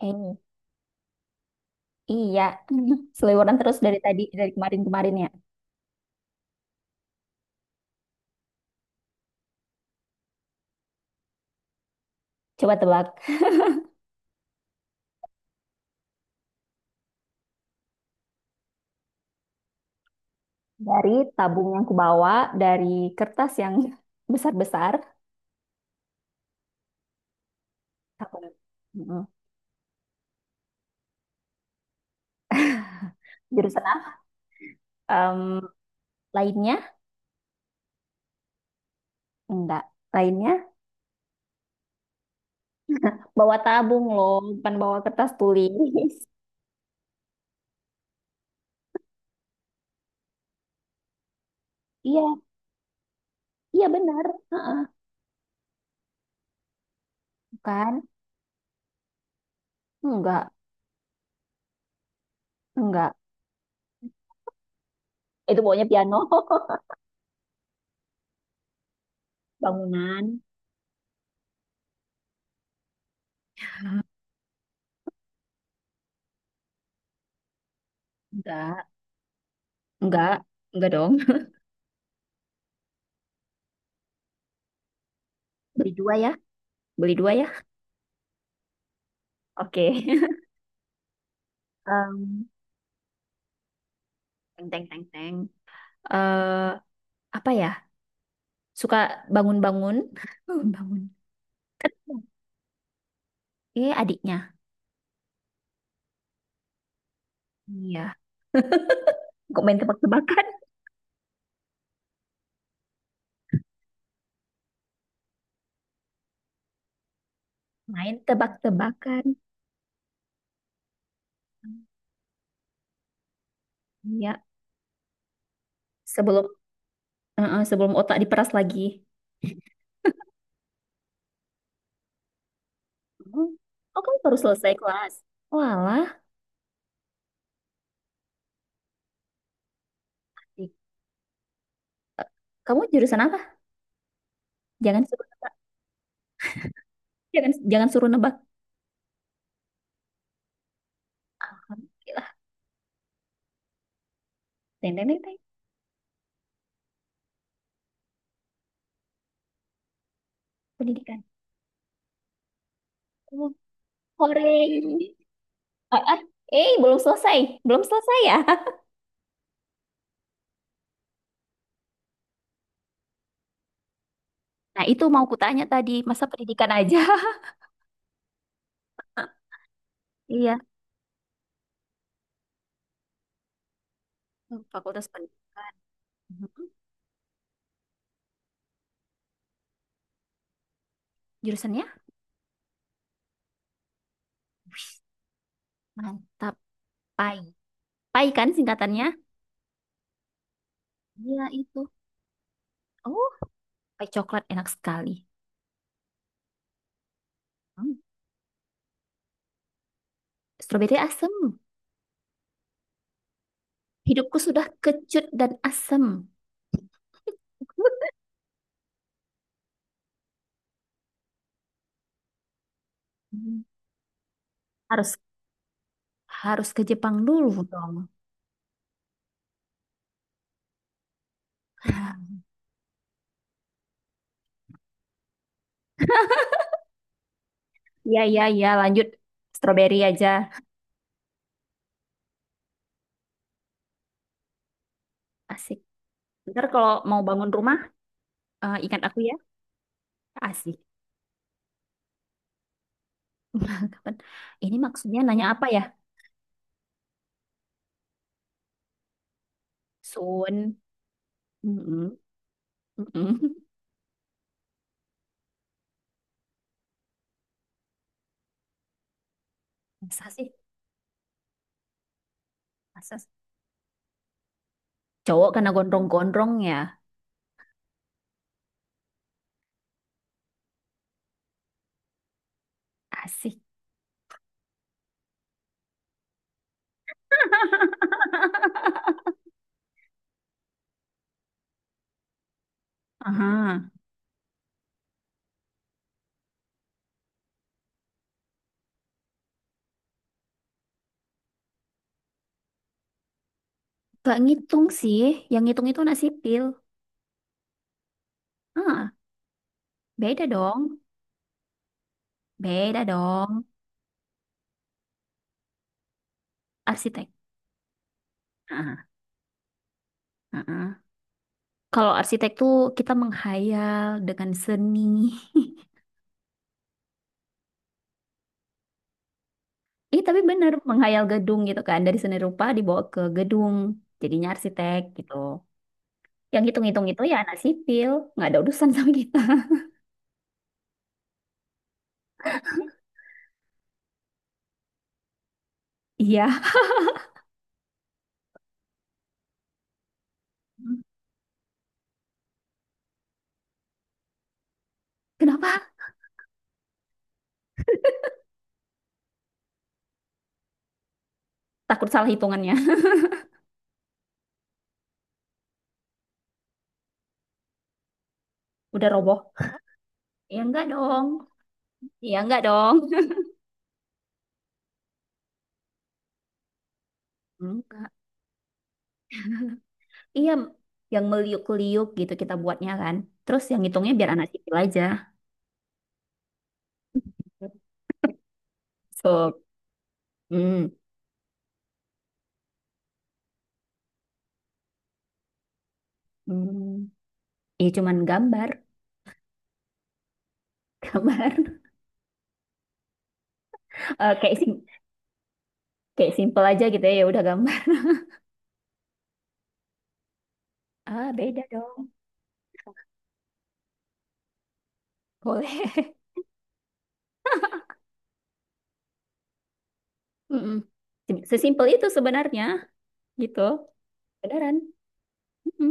Hei, iya. Seliweran terus dari tadi, dari kemarin-kemarin ya. Coba tebak. Dari tabung yang kubawa, dari kertas yang besar-besar. Tabung. Mm-mm. Jurusan apa? Em, lainnya? Enggak. Lainnya? Bawa tabung loh, bukan bawa kertas tulis. Iya, iya benar. Heeh. Bukan? Enggak, enggak. Itu pokoknya piano. Bangunan? Enggak, enggak. Enggak dong. Beli dua ya. Beli dua ya. Oke. Em, teng teng teng teng. Eh, apa ya? Suka bangun-bangun. Bangun-bangun. Eh, adiknya. Iya. Kok main tebak-tebakan? Main tebak-tebakan. Iya. Sebelum sebelum otak diperas lagi. Hmm. Oh, kamu baru selesai kelas. Walah. Di- eh, Kamu jurusan apa? Jangan suruh nebak. Jangan jangan suruh nebak. Oke lah, teng teng teng teng. Pendidikan. Oh, hore. Ah, ah. Eh, belum selesai. Belum selesai ya? Nah, itu mau kutanya tadi. Masa pendidikan aja? Iya. Fakultas Pendidikan. Mhm. Jurusannya? Wih, mantap. Pai. Pai kan singkatannya? Iya, itu. Oh, pai coklat enak sekali. Hmm. Stroberi asem. Hidupku sudah kecut dan asem. Hmm. Harus harus ke Jepang dulu dong. Iya, iya, iya. Lanjut. Stroberi aja. Asik. Ntar kalau mau bangun rumah, eh, ingat aku ya. Asik. Kapan? Ini maksudnya nanya apa ya? Soon. Mm-mm. Mm-mm. Masa sih? Masa sih? Cowok kena gondrong-gondrong ya? Asik. Aha. Gak ngitung sih. Yang ngitung itu anak sipil. Ah, beda dong. Beda dong. Arsitek. Ah, ah, ah. Kalau arsitek tuh kita menghayal dengan seni. Ih, tapi bener menghayal gedung gitu kan. Dari seni rupa dibawa ke gedung. Jadinya arsitek gitu. Yang hitung-hitung itu ya anak sipil. Nggak ada urusan sama kita. Iya. Kenapa? Takut salah hitungannya. Udah roboh. Ya enggak dong. Ya enggak dong. Enggak. Iya, yang meliuk-liuk gitu kita buatnya kan. Terus yang hitungnya biar anak sipil aja. So, hmm, hmm. ya cuman gambar, gambar. Eh, kayak simple aja gitu ya. Ya udah gambar. Ah, beda dong. Boleh. Mm-mm. Sesimpel itu sebenarnya gitu. Beneran. Mm-mm.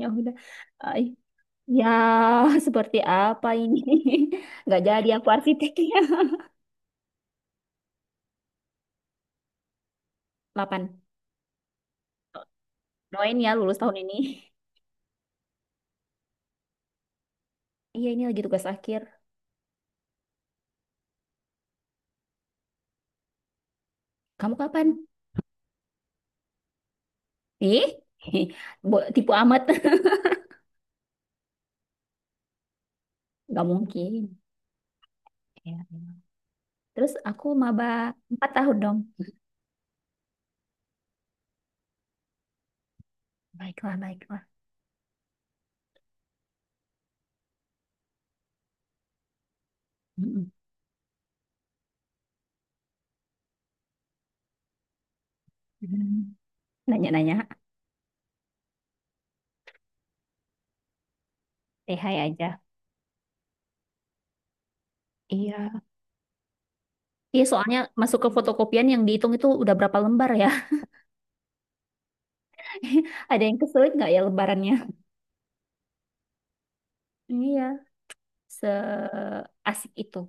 Ya udah. Ay, ya, seperti apa ini? Nggak jadi aku arsiteknya. 8. Doain ya lulus tahun ini. Iya ini lagi tugas akhir. Kamu kapan? Ih, tipu amat. Gak mungkin. Ya. Terus aku maba 4 tahun dong. Baiklah, baiklah. Mm-mm. Mm. Nanya-nanya, TH aja. Iya. Iya soalnya masuk ke fotokopian yang dihitung itu udah berapa lembar ya. Ada yang kesulit nggak ya lembarannya? Iya, seasik itu.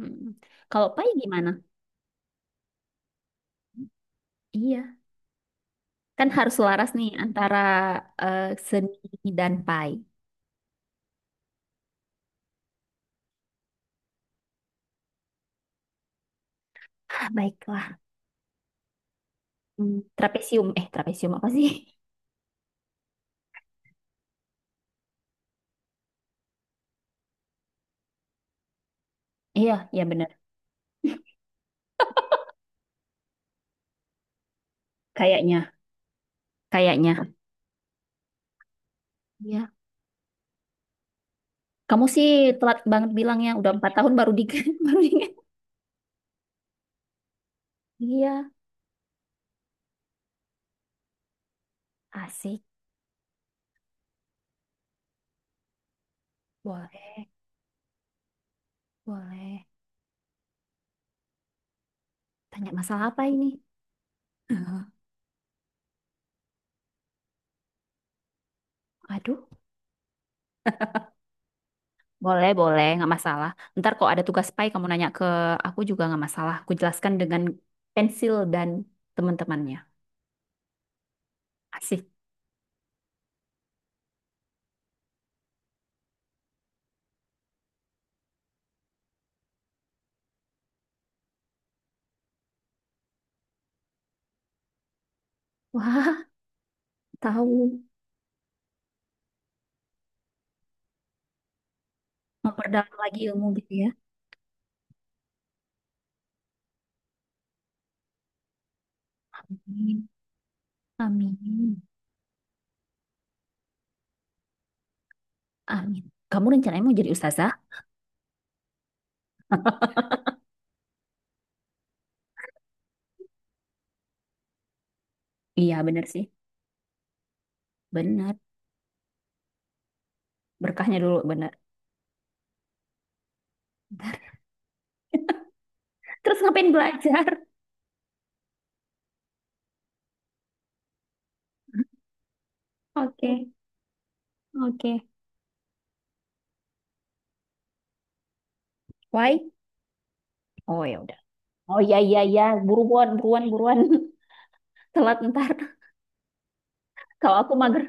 Mm. Kalau Pai gimana? Iya, kan harus selaras nih antara eh, seni dan Pai. Baiklah. Hmm, trapesium. Eh, trapesium apa sih? Iya, iya benar. Kayaknya. Kayaknya. Iya. Kamu sih telat banget bilangnya. Udah 4 tahun baru di baru diingat. Iya. Asik. Boleh. Boleh. Tanya masalah apa ini? Aduh. Boleh, boleh. Nggak masalah. Ntar kalau ada tugas pai kamu nanya ke aku juga nggak masalah. Aku jelaskan dengan pensil dan teman-temannya. Asik. Wah, tahu. Memperdalam lagi ilmu gitu ya. Amin. Amin. Amin. Kamu rencananya mau jadi ustazah? Iya, bener sih. Bener. Berkahnya dulu, bener. Bentar. Terus ngapain belajar? Oke, oke. Why? Oh ya udah. Oh iya iya iya, buruan buruan buruan. Telat ntar. Kalau aku mager.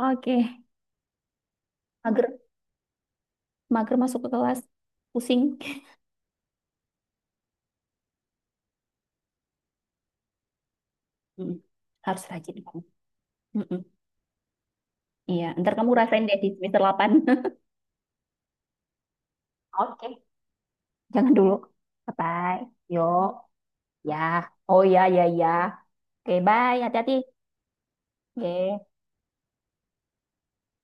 Oke, mager, mager masuk ke kelas. Pusing. Mm. Harus rajin kamu. Mm-mm. Iya, ntar kamu rasain deh di semester 8. Oke, jangan dulu. Bye. Yo, ya. Oh ya ya ya. Oke, bye. Hati-hati. Oke.